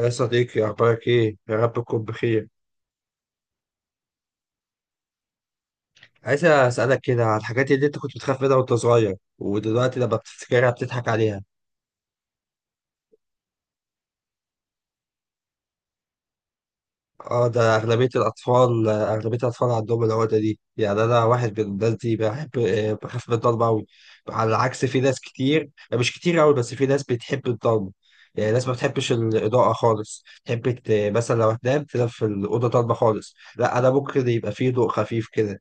يا صديقي، أخبارك إيه؟ يا رب تكون بخير. عايز أسألك كده على الحاجات اللي أنت كنت بتخاف منها وأنت صغير ودلوقتي لما بتفتكرها بتضحك عليها. أه، ده أغلبية الأطفال عندهم العقدة دي. يعني أنا واحد من الناس دي بحب آه، بخاف من الضلمة أوي. على العكس، في ناس كتير، مش كتير أوي، بس في ناس بتحب الضلمة. يعني ناس ما بتحبش الإضاءة خالص، تحب مثلا لو هتنام تنام في الأوضة ضلمة خالص، لا أنا ممكن يبقى فيه ضوء خفيف كده.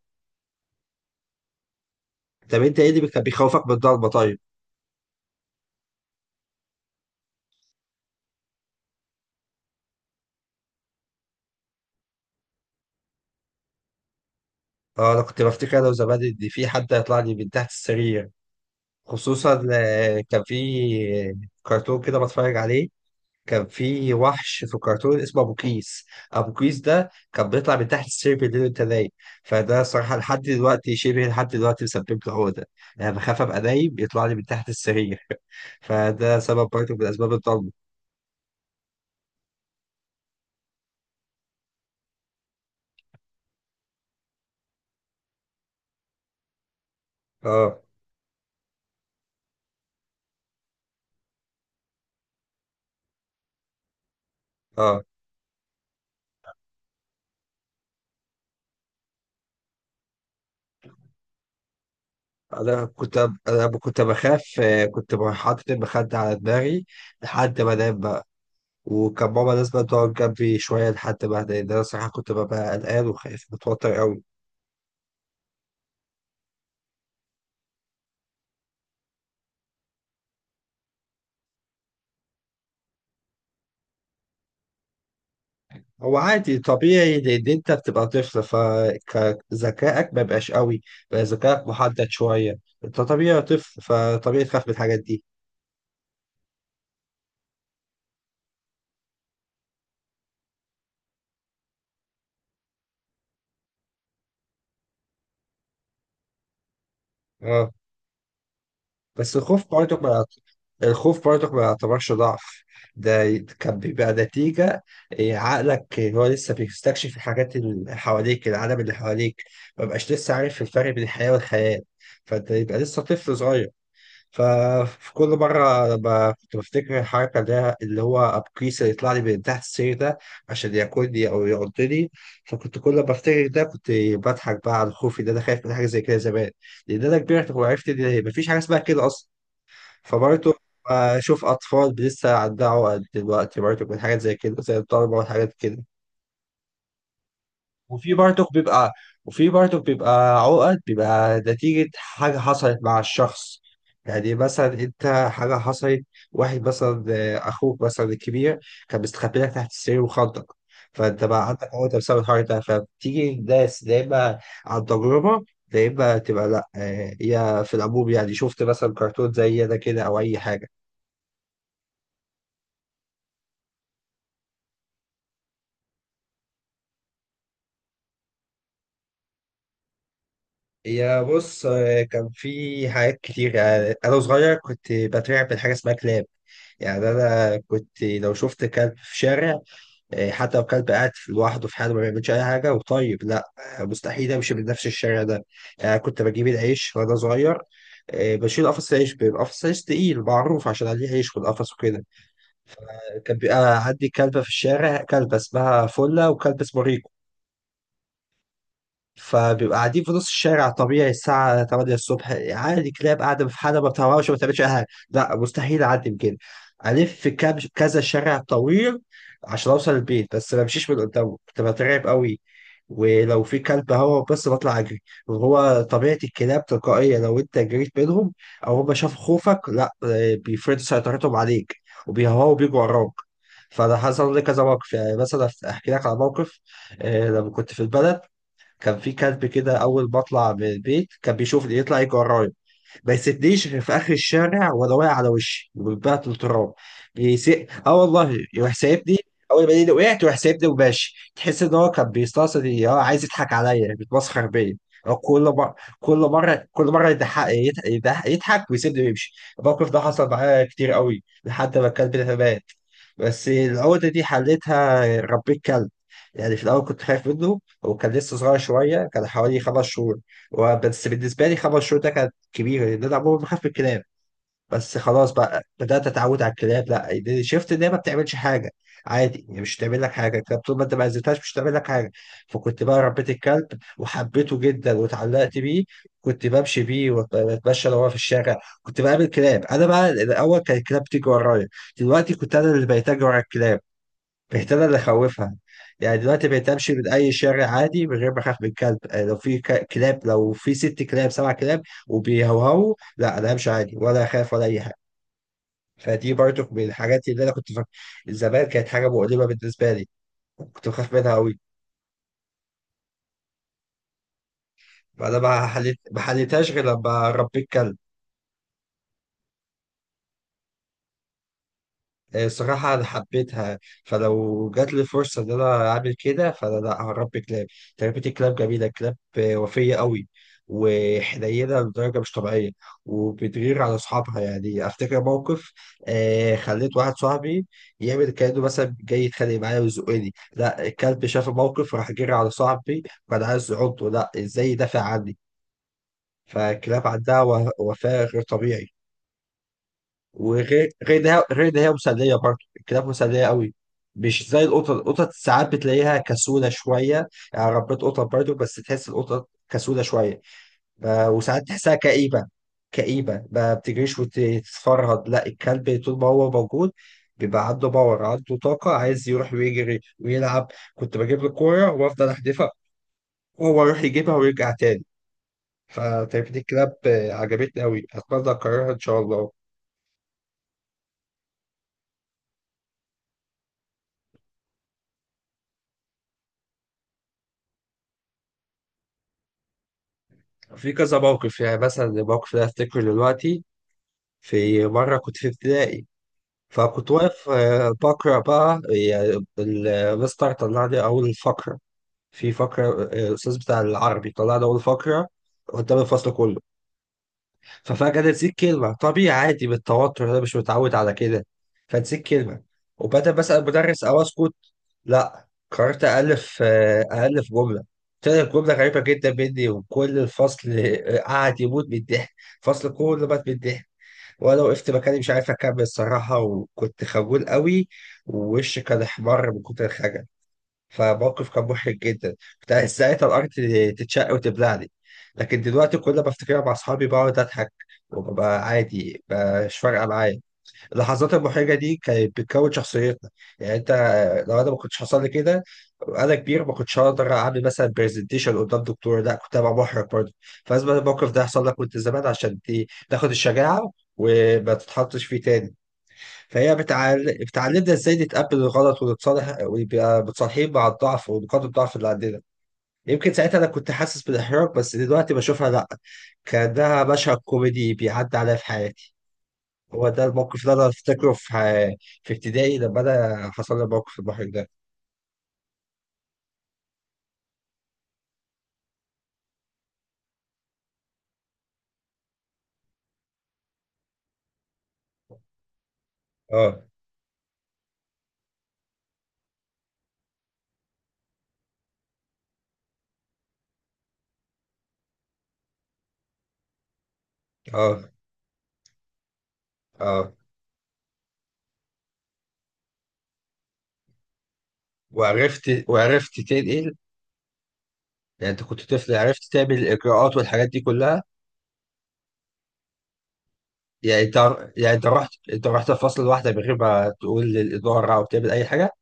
طب أنت إيه اللي بيخوفك من الضلمة طيب؟ اه، انا كنت بفتكر انا وزمان ان في حد هيطلع لي من تحت السرير. خصوصا كان في كرتون كده بتفرج عليه، كان في وحش في الكرتون اسمه ابو كيس. ابو كيس ده كان بيطلع من تحت السرير بالليل وانت نايم، فده صراحه لحد دلوقتي شبه لحد دلوقتي مسبب لي عقده. يعني بخاف ابقى نايم يطلع لي من تحت السرير فده سبب برضه من اسباب الضلمه. اه، اه، انا كنت انا كنت بخاف. كنت حاطط المخده على دماغي لحد ما انام بقى. وكان ماما لازم تقعد جنبي شوية لحد ما أهدى، لأن أنا صراحة كنت ببقى قلقان وخايف متوتر أوي. هو عادي طبيعي، لأن أنت بتبقى طفل فذكائك ما بيبقاش أوي، بقى ذكائك محدد شوية، أنت طبيعي طفل فطبيعي تخاف من الحاجات دي. اه، بس الخوف برضه ما يعت- الخوف برضه ما يعتبرش ضعف. ده كان بيبقى نتيجة إيه، عقلك هو لسه بيستكشف الحاجات اللي حواليك، العالم اللي حواليك، ما بقاش لسه عارف الفرق بين الحياة والخيال، فانت يبقى لسه طفل صغير. ففي كل مرة لما كنت بفتكر الحركة اللي هو أبكيس اللي يطلع لي من تحت السرير ده عشان ياكلني أو يعضني، فكنت كل ما بفتكر ده كنت بضحك بقى على خوفي إن أنا خايف من حاجة زي كده زمان، لأن أنا كبرت وعرفت إن مفيش حاجة اسمها كده أصلا. فبرضه بشوف أطفال لسه على الدعوة دلوقتي برضه من حاجات زي كده، زي الضربة والحاجات كده. وفي برضه بيبقى وفي برضه بيبقى عقد، بيبقى نتيجة حاجة حصلت مع الشخص. يعني مثلا أنت، حاجة حصلت، واحد مثلا أخوك مثلا الكبير كان مستخبي لك تحت السرير وخضك، فأنت بقى عندك عقدة بسبب الحوار ده. فبتيجي ناس يا إما عن تجربة، يا إما تبقى لأ، هي في العموم يعني شفت مثلا كرتون زي ده كده أو أي حاجة. يا بص، كان في حاجات كتير. انا صغير كنت بترعب من حاجه اسمها كلاب. يعني انا كنت لو شفت كلب في شارع، حتى لو كلب قاعد لوحده في حاله ما بيعملش اي حاجه وطيب، لا، مستحيل امشي من نفس الشارع ده. يعني كنت بجيب العيش وانا صغير، بشيل قفص عيش، بيبقى قفص عيش تقيل معروف عشان عليه عيش في القفص وكده. كان بيبقى عندي كلبه في الشارع، كلبه اسمها فله وكلب اسمه ريكو، فبيبقى قاعدين في نص الشارع طبيعي الساعة 8 الصبح عادي، كلاب قاعدة في حالها ما بتهربش ما بتعملش أي حاجة. لا، مستحيل أعدي بجد. ألف في كام كذا شارع طويل عشان أوصل البيت، بس ما بمشيش من قدامه، كنت بترعب قوي. ولو في كلب هو بس بطلع أجري، وهو طبيعة الكلاب تلقائية، لو أنت جريت منهم أو هم شافوا خوفك، لا، بيفرضوا سيطرتهم عليك وبيهوا بيجوا وراك. فأنا حصل لي كذا موقف. يعني مثلا أحكي لك على موقف، لما كنت في البلد كان في كلب كده، اول ما اطلع من البيت كان بيشوف يطلع يجي ورايا، ما يسيبنيش غير في اخر الشارع وانا واقع على وشي وبتبعت التراب. اه والله، يروح سايبني. اول ما يلاقيني وقعت يروح سايبني وماشي، تحس ان هو كان بيستقصد، اه، عايز يضحك عليا، بيتمسخر بيا. هو كل مره كل مره كل مره يضحك يضحك, يضحك يضحك ويسيبني ويمشي. الموقف ده حصل معايا كتير قوي لحد ما الكلب ده مات. بس العقدة دي حليتها، ربيت كلب. يعني في الأول كنت خايف منه وكان لسه صغير شوية، كان حوالي خمس شهور، بس بالنسبة لي خمس شهور ده كان كبيره، لان انا عمري ما خاف من الكلاب. بس خلاص بقى بدات اتعود على الكلاب، لا يعني شفت ان هي ما بتعملش حاجه، عادي، يعني مش تعمل لك حاجه الكلاب طول ما انت ما اذيتهاش، مش تعمل لك حاجه. فكنت بقى ربيت الكلب وحبيته جدا واتعلقت بيه، كنت بمشي بيه واتمشى لو هو في الشارع، كنت بقابل كلاب. انا بقى الاول كان الكلاب بتيجي ورايا، دلوقتي كنت انا اللي بقيت اجري ورا الكلاب. بهتان اللي خوفها. يعني دلوقتي بقيت امشي من اي شارع عادي من غير ما اخاف من كلب. لو في كلاب، لو في ست كلاب سبع كلاب وبيهوهوا، لا، انا همشي عادي ولا اخاف ولا اي حاجه. فدي برضو من الحاجات اللي انا كنت فاكر زمان كانت حاجه مؤلمه بالنسبه لي، كنت بخاف منها قوي. فانا ما حليتهاش غير لما ربيت كلب. الصراحة أنا حبيتها، فلو جات لي فرصة إن أنا أعمل كده، فأنا لأ، هربي كلاب. تربية الكلاب جميلة، الكلاب وفية قوي وحنينة لدرجة مش طبيعية، وبتغير على أصحابها. يعني أفتكر موقف، خليت واحد صاحبي يعمل كأنه مثلا جاي يتخانق معايا ويزقني، لأ الكلب شاف الموقف راح جري على صاحبي وأنا عايز أعضه، لأ إزاي يدافع عني. فالكلاب عندها وفاء غير طبيعي. وغير غير ده غير ده هي مسليه برضه، الكلاب مسليه قوي، مش زي القطط. القطط ساعات بتلاقيها كسوله شويه، يعني ربيت قطط برضه بس تحس القطط كسوله شويه، وساعات تحسها كئيبه، كئيبه ما بتجريش وتتفرهد. لا الكلب طول ما هو موجود بيبقى عنده باور، عنده طاقه، عايز يروح ويجري ويلعب. كنت بجيب له كوره وافضل احدفها وهو يروح يجيبها ويرجع تاني. فتربية الكلاب عجبتني قوي، اتمنى اكررها ان شاء الله. في كذا موقف، يعني مثلا الموقف اللي افتكره دلوقتي، في مره كنت في ابتدائي، فكنت واقف بقرا بقى. يعني المستر طلع لي اول فقره، في فقره آه، الاستاذ بتاع العربي طلع لي اول فقره قدام الفصل كله. ففجاه نسيت كلمه، طبيعي عادي بالتوتر، انا مش متعود على كده، فنسيت كلمه، وبدأ بسأل المدرس او اسكت. لا قررت ألف جملة. طلعت جملة غريبة جدا مني، وكل الفصل قعد يموت من الضحك. الفصل كله مات من الضحك، وأنا وقفت مكاني مش عارف أكمل الصراحة، وكنت خجول قوي ووشي كان أحمر من كتر الخجل. فموقف كان محرج جدا، كنت عايز ساعتها الأرض تتشق وتبلعني. لكن دلوقتي كل ما أفتكرها مع أصحابي بقعد أضحك وببقى عادي، مش فارقة معايا. اللحظات المحرجه دي كانت بتكون شخصيتنا. يعني انت، لو انا ما كنتش حصل لي كده انا كبير ما كنتش هقدر اعمل مثلا برزنتيشن قدام دكتور، لا كنت هبقى محرج برضه. فلازم الموقف ده يحصل لك وانت زمان عشان تاخد الشجاعه وما تتحطش فيه تاني. فهي بتعلمنا ازاي نتقبل الغلط ونتصالح ويبقى متصالحين مع الضعف ونقاط الضعف اللي عندنا. يمكن ساعتها انا كنت حاسس بالاحراج بس دلوقتي بشوفها لا، كانها مشهد كوميدي بيعدي عليا في حياتي. هو ده الموقف اللي انا افتكره في ابتدائي لما انا حصل لي موقف المحرج ده. اه، اه، اه، وعرفت تنقل. يعني انت كنت طفل عرفت تعمل الاجراءات والحاجات دي كلها. يعني انت يعني انت رحت الفصل لوحدك من غير ما تقول للاداره او تعمل اي حاجه.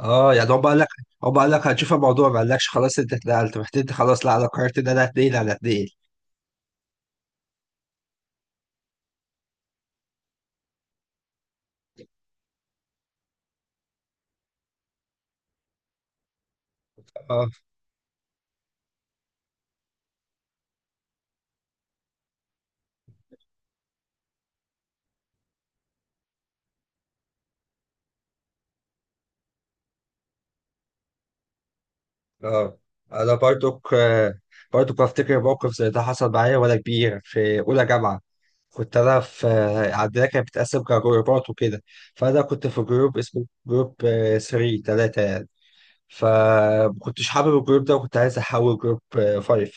اه، يعني هم قال لك هنشوف الموضوع، ما قالكش خلاص انت اتنقلت، رحت انت خلاص، لا انا قررت ان انا هتنقل انا هتنقل. اه، اه، انا برضك، برضك بفتكر موقف زي ده حصل معايا وانا كبير في اولى جامعه. كنت انا في عندنا كانت بتتقسم كجروبات وكده. فانا كنت في جروب اسمه جروب 3 يعني. فما كنتش حابب الجروب ده وكنت عايز احول جروب 5،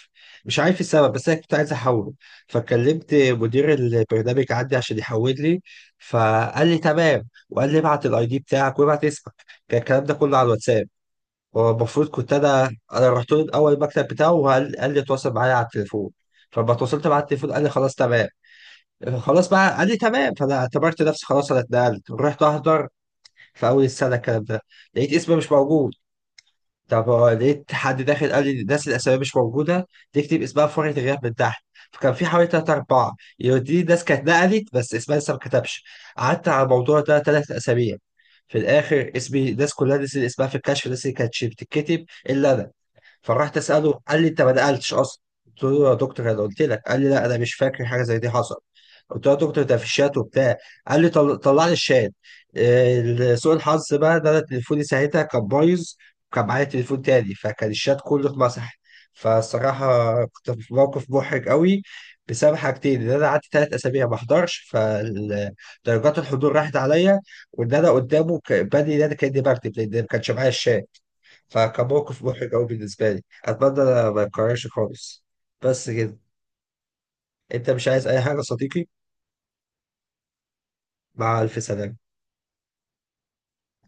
مش عارف السبب بس انا كنت عايز احوله. فكلمت مدير البرنامج عندي عشان يحول لي، فقال لي تمام وقال لي ابعت الاي دي بتاعك وابعت اسمك، كان الكلام ده كله على الواتساب. هو المفروض كنت انا، انا رحت له الاول المكتب بتاعه، وقال قال لي اتواصل معايا على التليفون. فلما اتواصلت معاه على التليفون قال لي خلاص تمام. خلاص بقى قال لي تمام، فانا اعتبرت نفسي خلاص انا اتنقلت، رحت احضر في اول السنه الكلام ده، لقيت اسمي مش موجود. طب هو لقيت حد داخل قال لي الناس الاسامي مش موجوده تكتب اسمها في ورقه الغياب من تحت، فكان في حوالي تلات أربعة دي ناس كانت نقلت بس اسمها لسه ما كتبش. قعدت على الموضوع ده تلات أسابيع، في الآخر اسمي الناس كلها نسيت اسمها في الكشف، الناس اللي كانت بتتكتب إلا أنا. فراحت اساله، قال لي انت ما نقلتش اصلا. قلت له يا دكتور انا قلت لك، قال لي لا انا مش فاكر حاجه زي دي حصل. قلت له يا دكتور ده في الشات وبتاع، قال لي طلع لي الشات. سوء الحظ بقى ان انا تليفوني ساعتها كان بايظ وكان معايا تليفون تاني، فكان الشات كله اتمسح. فالصراحه كنت في موقف محرج قوي بسبب حاجتين: ان انا قعدت ثلاث اسابيع ما احضرش فدرجات الحضور راحت عليا، وان انا قدامه بادئ ان انا كاني بكتب لان ما كانش معايا الشات. فكموقف محرج أوي بالنسبة لي، أتمنى ما يتكررش خالص. بس كده. أنت مش عايز أي حاجة يا صديقي؟ مع ألف سلامة.